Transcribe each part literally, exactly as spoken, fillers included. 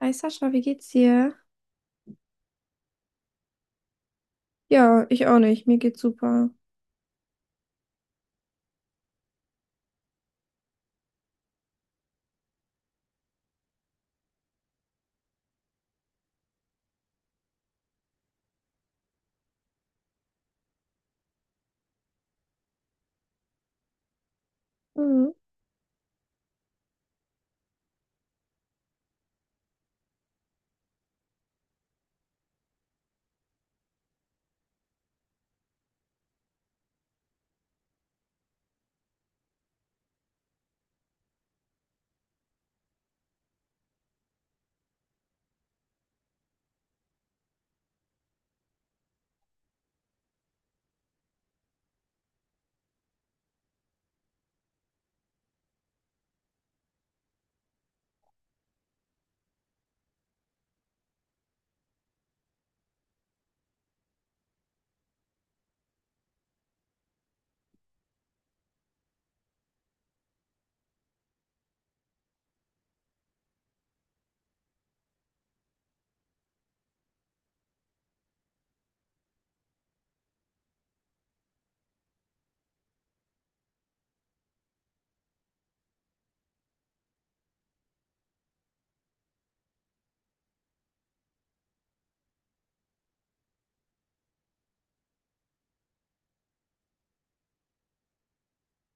Hi Sascha, wie geht's dir? Ja, ich auch nicht. Mir geht's super. Mhm.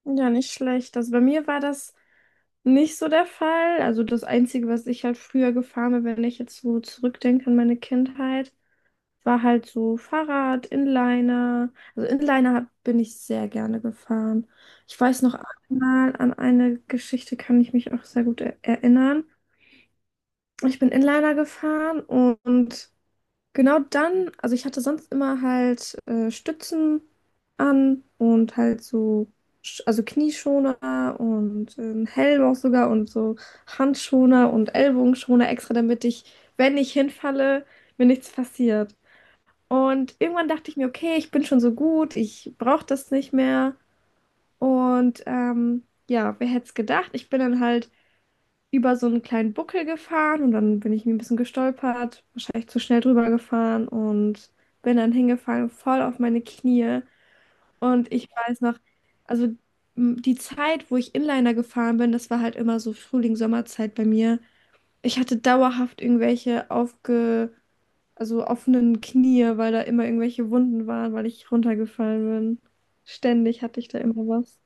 Ja, nicht schlecht. Also bei mir war das nicht so der Fall. Also das Einzige, was ich halt früher gefahren bin, wenn ich jetzt so zurückdenke an meine Kindheit, war halt so Fahrrad, Inliner. Also Inliner hab- bin ich sehr gerne gefahren. Ich weiß noch einmal, an eine Geschichte kann ich mich auch sehr gut er erinnern. Ich bin Inliner gefahren und genau dann, also ich hatte sonst immer halt äh, Stützen an und halt so, Sch- also Knieschoner und äh, einen Helm auch sogar und so Handschoner und Ellbogenschoner extra, damit ich, wenn ich hinfalle, mir nichts passiert. Und irgendwann dachte ich mir, okay, ich bin schon so gut, ich brauche das nicht mehr. Und ähm, ja, wer hätte es gedacht? Ich bin dann halt über so einen kleinen Buckel gefahren und dann bin ich mir ein bisschen gestolpert, wahrscheinlich zu schnell drüber gefahren und bin dann hingefallen, voll auf meine Knie. Und ich weiß noch, also m, die Zeit, wo ich Inliner gefahren bin, das war halt immer so Frühling, Sommerzeit bei mir. Ich hatte dauerhaft irgendwelche aufge, also offenen Knie, weil da immer irgendwelche Wunden waren, weil ich runtergefallen bin. Ständig hatte ich da immer was.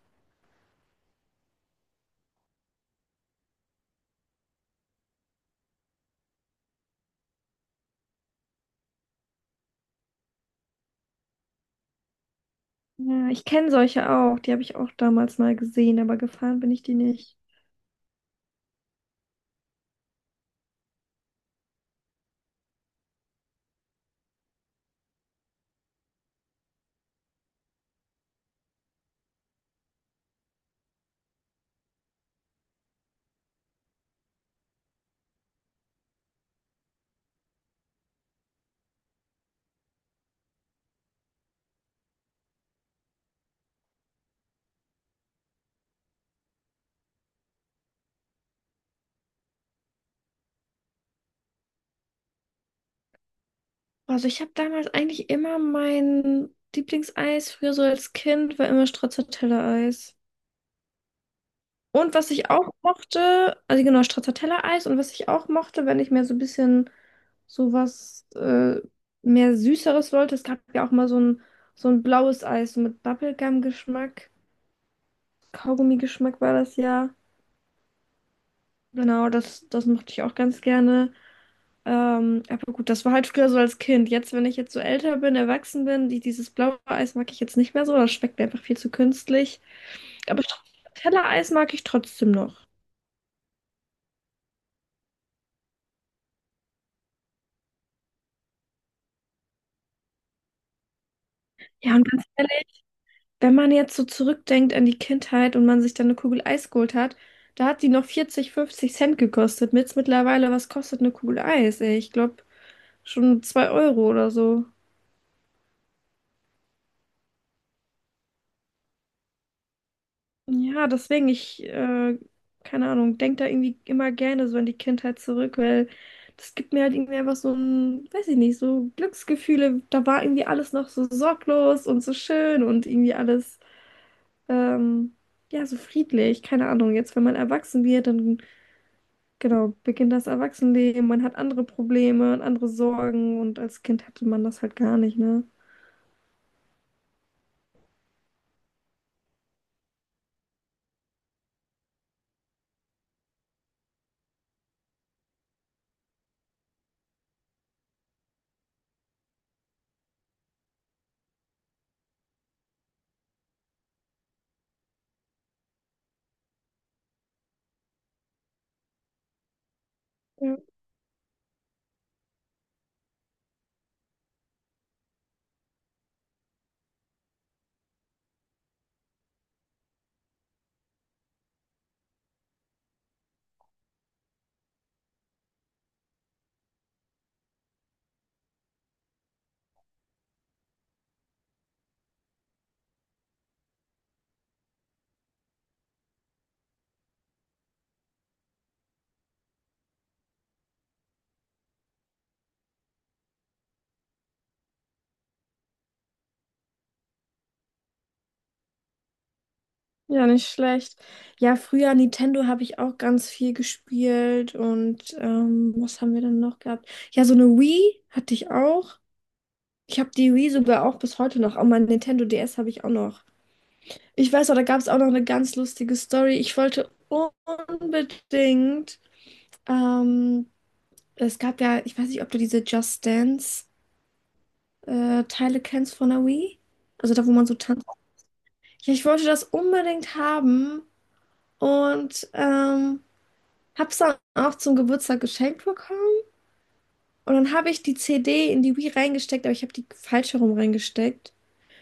Ja, ich kenne solche auch, die habe ich auch damals mal gesehen, aber gefahren bin ich die nicht. Also ich habe damals eigentlich immer mein Lieblingseis, früher so als Kind, war immer Stracciatella-Eis. Und was ich auch mochte, also genau, Stracciatella-Eis, und was ich auch mochte, wenn ich mir so ein bisschen sowas äh, mehr Süßeres wollte, es gab ja auch mal so ein, so ein blaues Eis, so mit Bubblegum-Geschmack, Kaugummi-Geschmack war das ja. Genau, das, das mochte ich auch ganz gerne. Ähm, aber gut, das war halt früher so als Kind. Jetzt, wenn ich jetzt so älter bin, erwachsen bin, die, dieses blaue Eis mag ich jetzt nicht mehr so. Das schmeckt mir einfach viel zu künstlich. Aber Tellereis mag ich trotzdem noch. Ja, und ganz ehrlich, wenn man jetzt so zurückdenkt an die Kindheit und man sich dann eine Kugel Eis geholt hat, da hat die noch vierzig fünfzig Cent gekostet. Mit mittlerweile, was kostet eine Kugel Eis? Ey, ich glaube schon zwei Euro oder so. Ja, deswegen, ich, äh, keine Ahnung, denke da irgendwie immer gerne so an die Kindheit zurück, weil das gibt mir halt irgendwie einfach so ein, weiß ich nicht, so Glücksgefühle. Da war irgendwie alles noch so sorglos und so schön und irgendwie alles, ähm, ja, so friedlich. Keine Ahnung, jetzt, wenn man erwachsen wird, dann, genau, beginnt das Erwachsenenleben, man hat andere Probleme und andere Sorgen, und als Kind hatte man das halt gar nicht, ne? Ja, nicht schlecht. Ja, früher Nintendo habe ich auch ganz viel gespielt, und ähm, was haben wir denn noch gehabt? Ja, so eine Wii hatte ich auch. Ich habe die Wii sogar auch bis heute noch. Auch mein Nintendo D S habe ich auch noch. Ich weiß auch, da gab es auch noch eine ganz lustige Story. Ich wollte unbedingt, ähm, es gab ja, ich weiß nicht, ob du diese Just Dance äh, Teile kennst von der Wii. Also da, wo man so tanzt. Ja, ich wollte das unbedingt haben, und ähm, hab's dann auch zum Geburtstag geschenkt bekommen. Und dann habe ich die C D in die Wii reingesteckt, aber ich habe die falsch herum reingesteckt.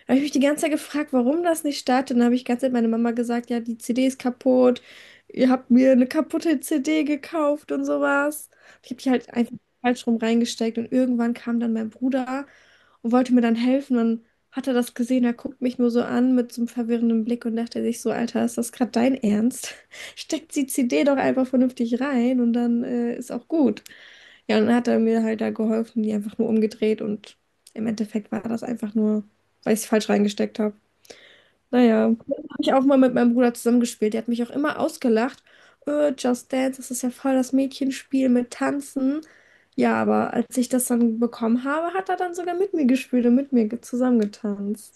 Habe ich mich die ganze Zeit gefragt, warum das nicht startet. Dann habe ich die ganze Zeit meine Mama gesagt, ja, die C D ist kaputt. Ihr habt mir eine kaputte C D gekauft und sowas. Ich habe die halt einfach falsch rum reingesteckt, und irgendwann kam dann mein Bruder und wollte mir dann helfen. Dann hat er das gesehen, er guckt mich nur so an mit so einem verwirrenden Blick und dachte sich so, Alter, ist das gerade dein Ernst? Steckt die C D doch einfach vernünftig rein, und dann äh, ist auch gut. Ja, und dann hat er mir halt da geholfen, die einfach nur umgedreht, und im Endeffekt war das einfach nur, weil ich es falsch reingesteckt habe. Naja, habe ich auch mal mit meinem Bruder zusammengespielt. Der hat mich auch immer ausgelacht. Äh, Just Dance, das ist ja voll das Mädchenspiel mit Tanzen. Ja, aber als ich das dann bekommen habe, hat er dann sogar mit mir gespielt und mit mir ge- zusammengetanzt.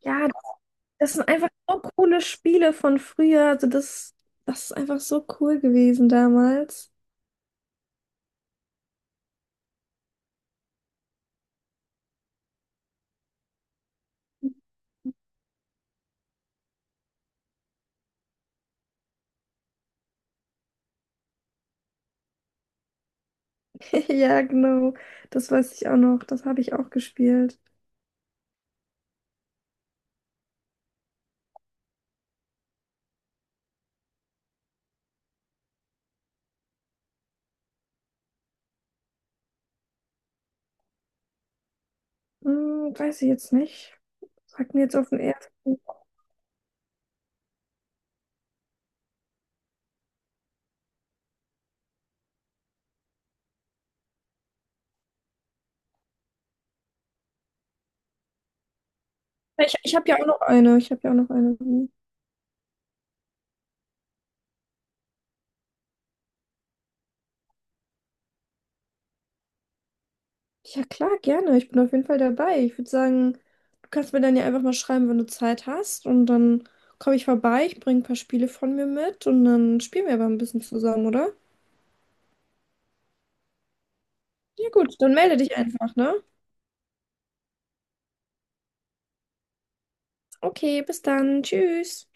Ja, das sind einfach so coole Spiele von früher. Also das, das ist einfach so cool gewesen damals. Ja, genau. Das weiß ich auch noch. Das habe ich auch gespielt. Hm, weiß ich jetzt nicht. Sagt mir jetzt auf den ersten. Ich, ich habe ja auch noch eine. Ich habe ja auch noch eine. Ja, klar, gerne. Ich bin auf jeden Fall dabei. Ich würde sagen, du kannst mir dann ja einfach mal schreiben, wenn du Zeit hast. Und dann komme ich vorbei. Ich bringe ein paar Spiele von mir mit. Und dann spielen wir aber ein bisschen zusammen, oder? Ja, gut. Dann melde dich einfach, ne? Okay, bis dann. Tschüss.